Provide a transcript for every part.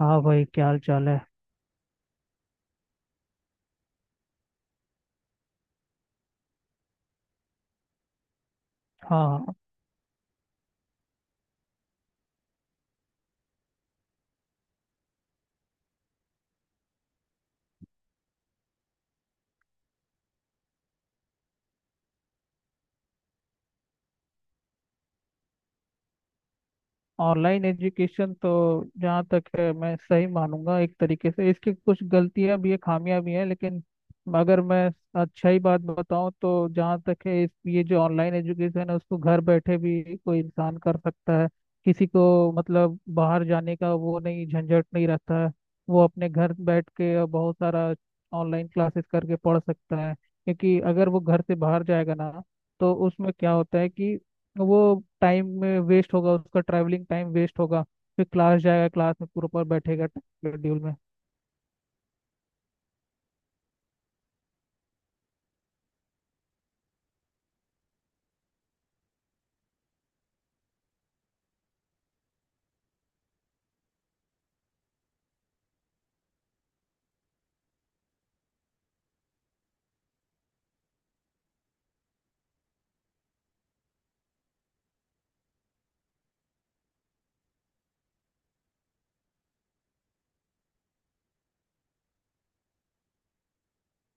हाँ भाई, क्या हाल चाल है। हाँ, ऑनलाइन एजुकेशन तो जहाँ तक है मैं सही मानूंगा। एक तरीके से इसकी कुछ गलतियां भी है, खामियां भी हैं, लेकिन अगर मैं अच्छा ही बात बताऊं तो जहाँ तक है इस ये जो ऑनलाइन एजुकेशन है उसको घर बैठे भी कोई इंसान कर सकता है। किसी को मतलब बाहर जाने का वो नहीं, झंझट नहीं रहता है। वो अपने घर बैठ के बहुत सारा ऑनलाइन क्लासेस करके पढ़ सकता है, क्योंकि अगर वो घर से बाहर जाएगा ना, तो उसमें क्या होता है कि वो टाइम में वेस्ट होगा, उसका ट्रैवलिंग टाइम वेस्ट होगा। फिर क्लास जाएगा, क्लास में पूरा पर बैठेगा शेड्यूल में।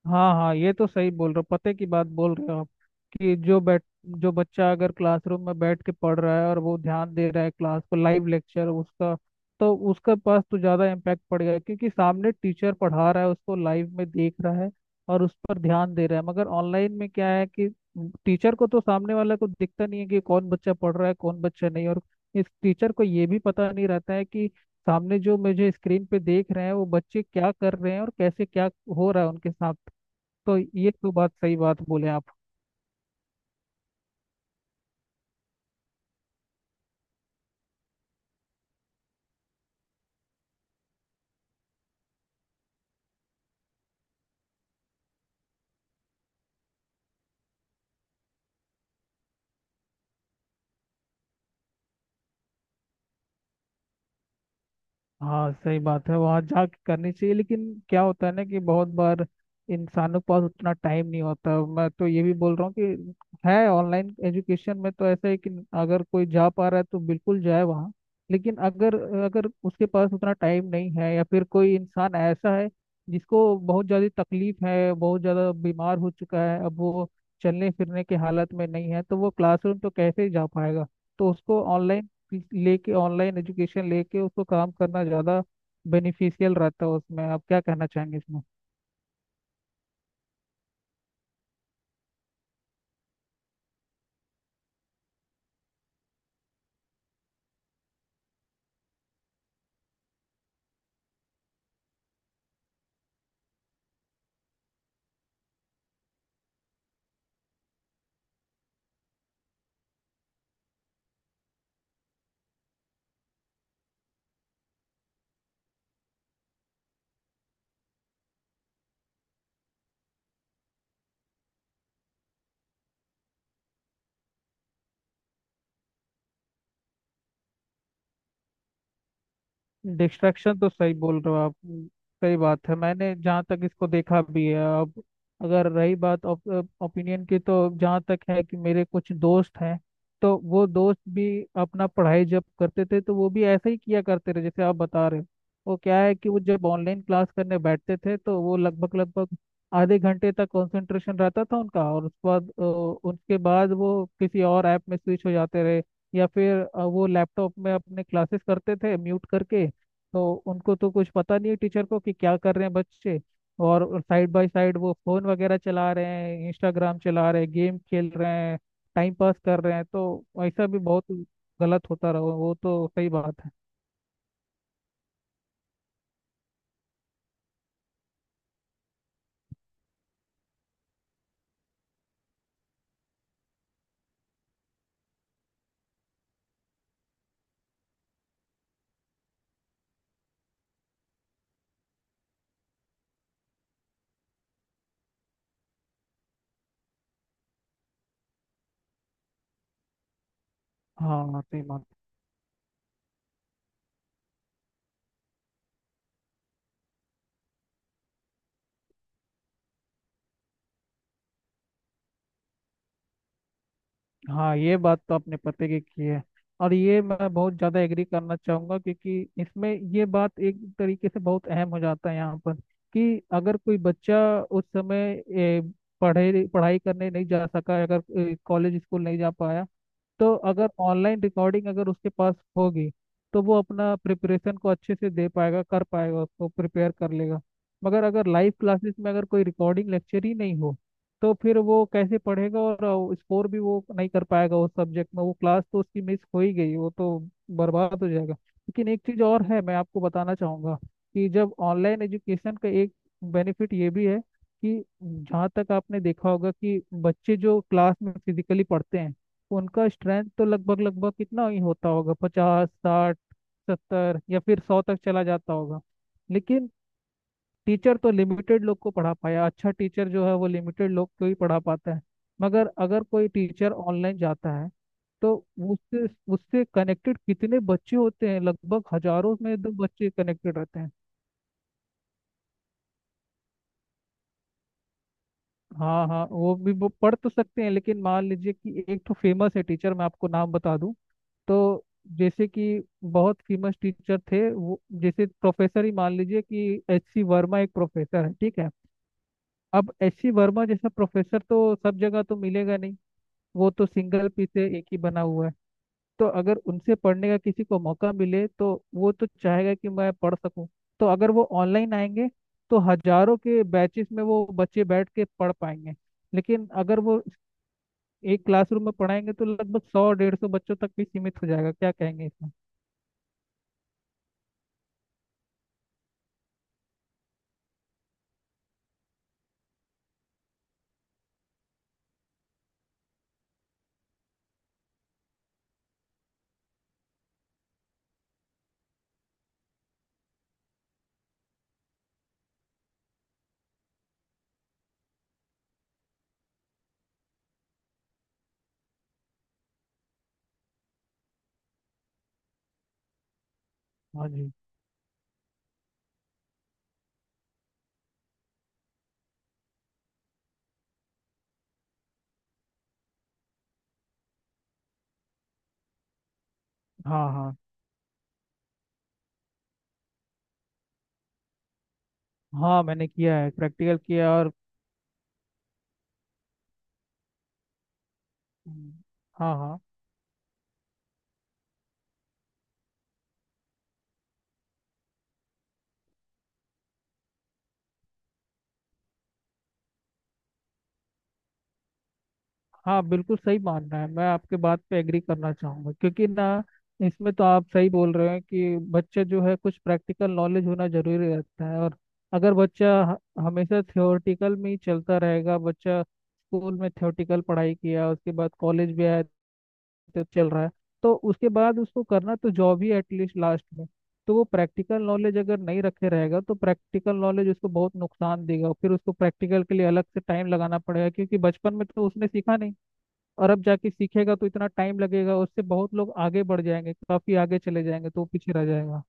हाँ हाँ, ये तो सही बोल रहे हो, पते की बात बोल रहे हो आप। कि जो बैठ जो बच्चा अगर क्लासरूम में बैठ के पढ़ रहा है और वो ध्यान दे रहा है क्लास पर, लाइव लेक्चर उसका, तो उसके पास तो ज़्यादा इम्पैक्ट पड़ेगा, क्योंकि सामने टीचर पढ़ा रहा है, उसको लाइव में देख रहा है और उस पर ध्यान दे रहा है। मगर ऑनलाइन में क्या है कि टीचर को तो सामने वाला को दिखता नहीं है कि कौन बच्चा पढ़ रहा है कौन बच्चा नहीं, और इस टीचर को ये भी पता नहीं रहता है कि सामने जो मुझे स्क्रीन पे देख रहे हैं वो बच्चे क्या कर रहे हैं और कैसे क्या हो रहा है उनके सामने। तो ये तो बात, सही बात बोले आप। हाँ, सही बात है, वहाँ जा के करनी चाहिए, लेकिन क्या होता है ना कि बहुत बार इंसानों के पास उतना टाइम नहीं होता। मैं तो ये भी बोल रहा हूँ कि है, ऑनलाइन एजुकेशन में तो ऐसा है कि अगर कोई जा पा रहा है तो बिल्कुल जाए वहाँ, लेकिन अगर अगर उसके पास उतना टाइम नहीं है, या फिर कोई इंसान ऐसा है जिसको बहुत ज़्यादा तकलीफ है, बहुत ज़्यादा बीमार हो चुका है, अब वो चलने फिरने के हालत में नहीं है, तो वो क्लासरूम तो कैसे जा पाएगा। तो उसको ऑनलाइन लेके, ऑनलाइन एजुकेशन लेके उसको काम करना ज़्यादा बेनिफिशियल रहता है उसमें। आप क्या कहना चाहेंगे इसमें। डिस्ट्रैक्शन तो सही बोल रहे हो आप। सही बात है, मैंने जहाँ तक इसको देखा भी है अब। अगर रही बात ओपिनियन की, तो जहाँ तक है कि मेरे कुछ दोस्त हैं, तो वो दोस्त भी अपना पढ़ाई जब करते थे तो वो भी ऐसा ही किया करते रहे जैसे आप बता रहे हो। वो क्या है कि वो जब ऑनलाइन क्लास करने बैठते थे तो वो लगभग लगभग आधे घंटे तक कंसंट्रेशन रहता था उनका, और उसके बाद वो किसी और ऐप में स्विच हो जाते रहे, या फिर वो लैपटॉप में अपने क्लासेस करते थे म्यूट करके। तो उनको तो कुछ पता नहीं है टीचर को कि क्या कर रहे हैं बच्चे, और साइड बाय साइड वो फोन वगैरह चला रहे हैं, इंस्टाग्राम चला रहे हैं, गेम खेल रहे हैं, टाइम पास कर रहे हैं। तो ऐसा भी बहुत गलत होता रहा, वो तो सही बात है। हाँ सही बात। हाँ, ये बात तो आपने पते की है, और ये मैं बहुत ज़्यादा एग्री करना चाहूँगा क्योंकि इसमें ये बात एक तरीके से बहुत अहम हो जाता है यहाँ पर। कि अगर कोई बच्चा उस समय पढ़े, पढ़ाई करने नहीं जा सका, अगर कॉलेज स्कूल नहीं जा पाया, तो अगर ऑनलाइन रिकॉर्डिंग अगर उसके पास होगी तो वो अपना प्रिपरेशन को अच्छे से दे पाएगा, कर पाएगा, उसको प्रिपेयर कर लेगा। मगर अगर लाइव क्लासेस में अगर कोई रिकॉर्डिंग लेक्चर ही नहीं हो, तो फिर वो कैसे पढ़ेगा, और स्कोर भी वो नहीं कर पाएगा उस सब्जेक्ट में। वो क्लास तो उसकी मिस हो ही गई, वो तो बर्बाद हो जाएगा। लेकिन एक चीज़ और है मैं आपको बताना चाहूँगा, कि जब ऑनलाइन एजुकेशन का एक बेनिफिट ये भी है कि जहाँ तक आपने देखा होगा कि बच्चे जो क्लास में फिजिकली पढ़ते हैं, उनका स्ट्रेंथ तो लगभग लगभग कितना ही होता होगा, पचास, साठ, सत्तर, या फिर सौ तक चला जाता होगा। लेकिन टीचर तो लिमिटेड लोग को पढ़ा पाया, अच्छा टीचर जो है वो लिमिटेड लोग को ही पढ़ा पाता है। मगर अगर कोई टीचर ऑनलाइन जाता है, तो उससे उससे कनेक्टेड कितने बच्चे होते हैं, लगभग हजारों में दो बच्चे कनेक्टेड रहते हैं। हाँ हाँ, वो भी वो पढ़ तो सकते हैं, लेकिन मान लीजिए कि एक तो फेमस है टीचर, मैं आपको नाम बता दूं, तो जैसे कि बहुत फेमस टीचर थे वो, जैसे प्रोफेसर ही मान लीजिए कि एच सी वर्मा एक प्रोफेसर है, ठीक है। अब एच सी वर्मा जैसा प्रोफेसर तो सब जगह तो मिलेगा नहीं, वो तो सिंगल पीस है, एक ही बना हुआ है। तो अगर उनसे पढ़ने का किसी को मौका मिले तो वो तो चाहेगा कि मैं पढ़ सकूं। तो अगर वो ऑनलाइन आएंगे तो हजारों के बैचेस में वो बच्चे बैठ के पढ़ पाएंगे, लेकिन अगर वो एक क्लासरूम में पढ़ाएंगे तो लगभग सौ डेढ़ सौ बच्चों तक भी सीमित हो जाएगा। क्या कहेंगे इसमें। हाँ जी। हाँ हाँ। हाँ, मैंने किया है, प्रैक्टिकल किया। और हम्म। हाँ हाँ। हाँ, बिल्कुल सही मानना है, मैं आपके बात पे एग्री करना चाहूँगा क्योंकि ना, इसमें तो आप सही बोल रहे हैं कि बच्चे जो है कुछ प्रैक्टिकल नॉलेज होना जरूरी रहता है। और अगर बच्चा हमेशा थ्योरेटिकल में ही चलता रहेगा, बच्चा स्कूल में थ्योरेटिकल पढ़ाई किया, उसके बाद कॉलेज भी आया, तो चल रहा है। तो उसके बाद उसको करना तो जॉब ही एटलीस्ट लास्ट में, तो वो प्रैक्टिकल नॉलेज अगर नहीं रखे रहेगा तो प्रैक्टिकल नॉलेज उसको बहुत नुकसान देगा। फिर उसको प्रैक्टिकल के लिए अलग से टाइम लगाना पड़ेगा, क्योंकि बचपन में तो उसने सीखा नहीं। और अब जाके सीखेगा तो इतना टाइम लगेगा, उससे बहुत लोग आगे बढ़ जाएंगे, काफी आगे चले जाएंगे, तो वो पीछे रह जाएगा।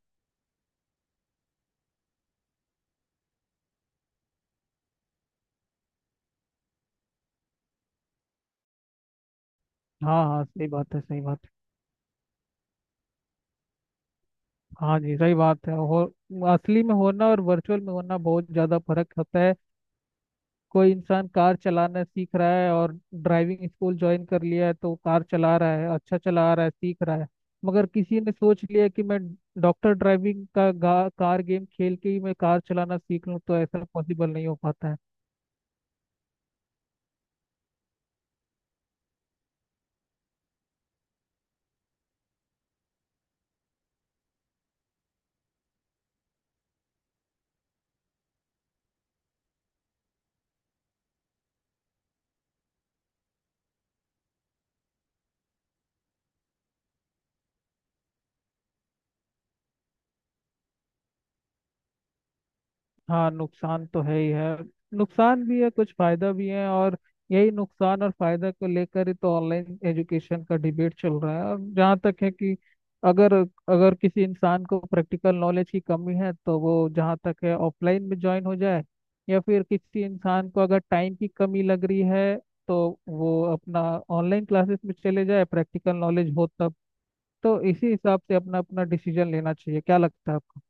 हाँ हाँ, सही बात है, सही बात है। हाँ जी, सही बात है। हो, असली में होना और वर्चुअल में होना बहुत ज्यादा फर्क होता है। कोई इंसान कार चलाना सीख रहा है और ड्राइविंग स्कूल ज्वाइन कर लिया है तो कार चला रहा है, अच्छा चला रहा है, सीख रहा है। मगर किसी ने सोच लिया कि मैं डॉक्टर ड्राइविंग का कार गेम खेल के ही मैं कार चलाना सीख लूँ, तो ऐसा पॉसिबल नहीं हो पाता है। हाँ, नुकसान तो है ही है। नुकसान भी है, कुछ फायदा भी है, और यही नुकसान और फायदा को लेकर ही तो ऑनलाइन एजुकेशन का डिबेट चल रहा है। और जहाँ तक है कि अगर अगर किसी इंसान को प्रैक्टिकल नॉलेज की कमी है तो वो जहाँ तक है ऑफलाइन में ज्वाइन हो जाए, या फिर किसी इंसान को अगर टाइम की कमी लग रही है तो वो अपना ऑनलाइन क्लासेस में चले जाए, प्रैक्टिकल नॉलेज हो तब। तो इसी हिसाब से अपना अपना डिसीजन लेना चाहिए। क्या लगता है आपको।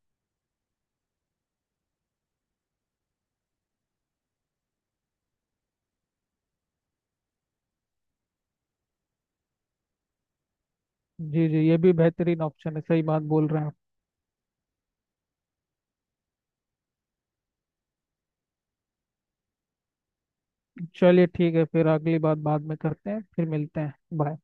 जी जी, ये भी बेहतरीन ऑप्शन है, सही बात बोल रहे हैं आप। चलिए, ठीक है, फिर अगली बात बाद में करते हैं, फिर मिलते हैं, बाय।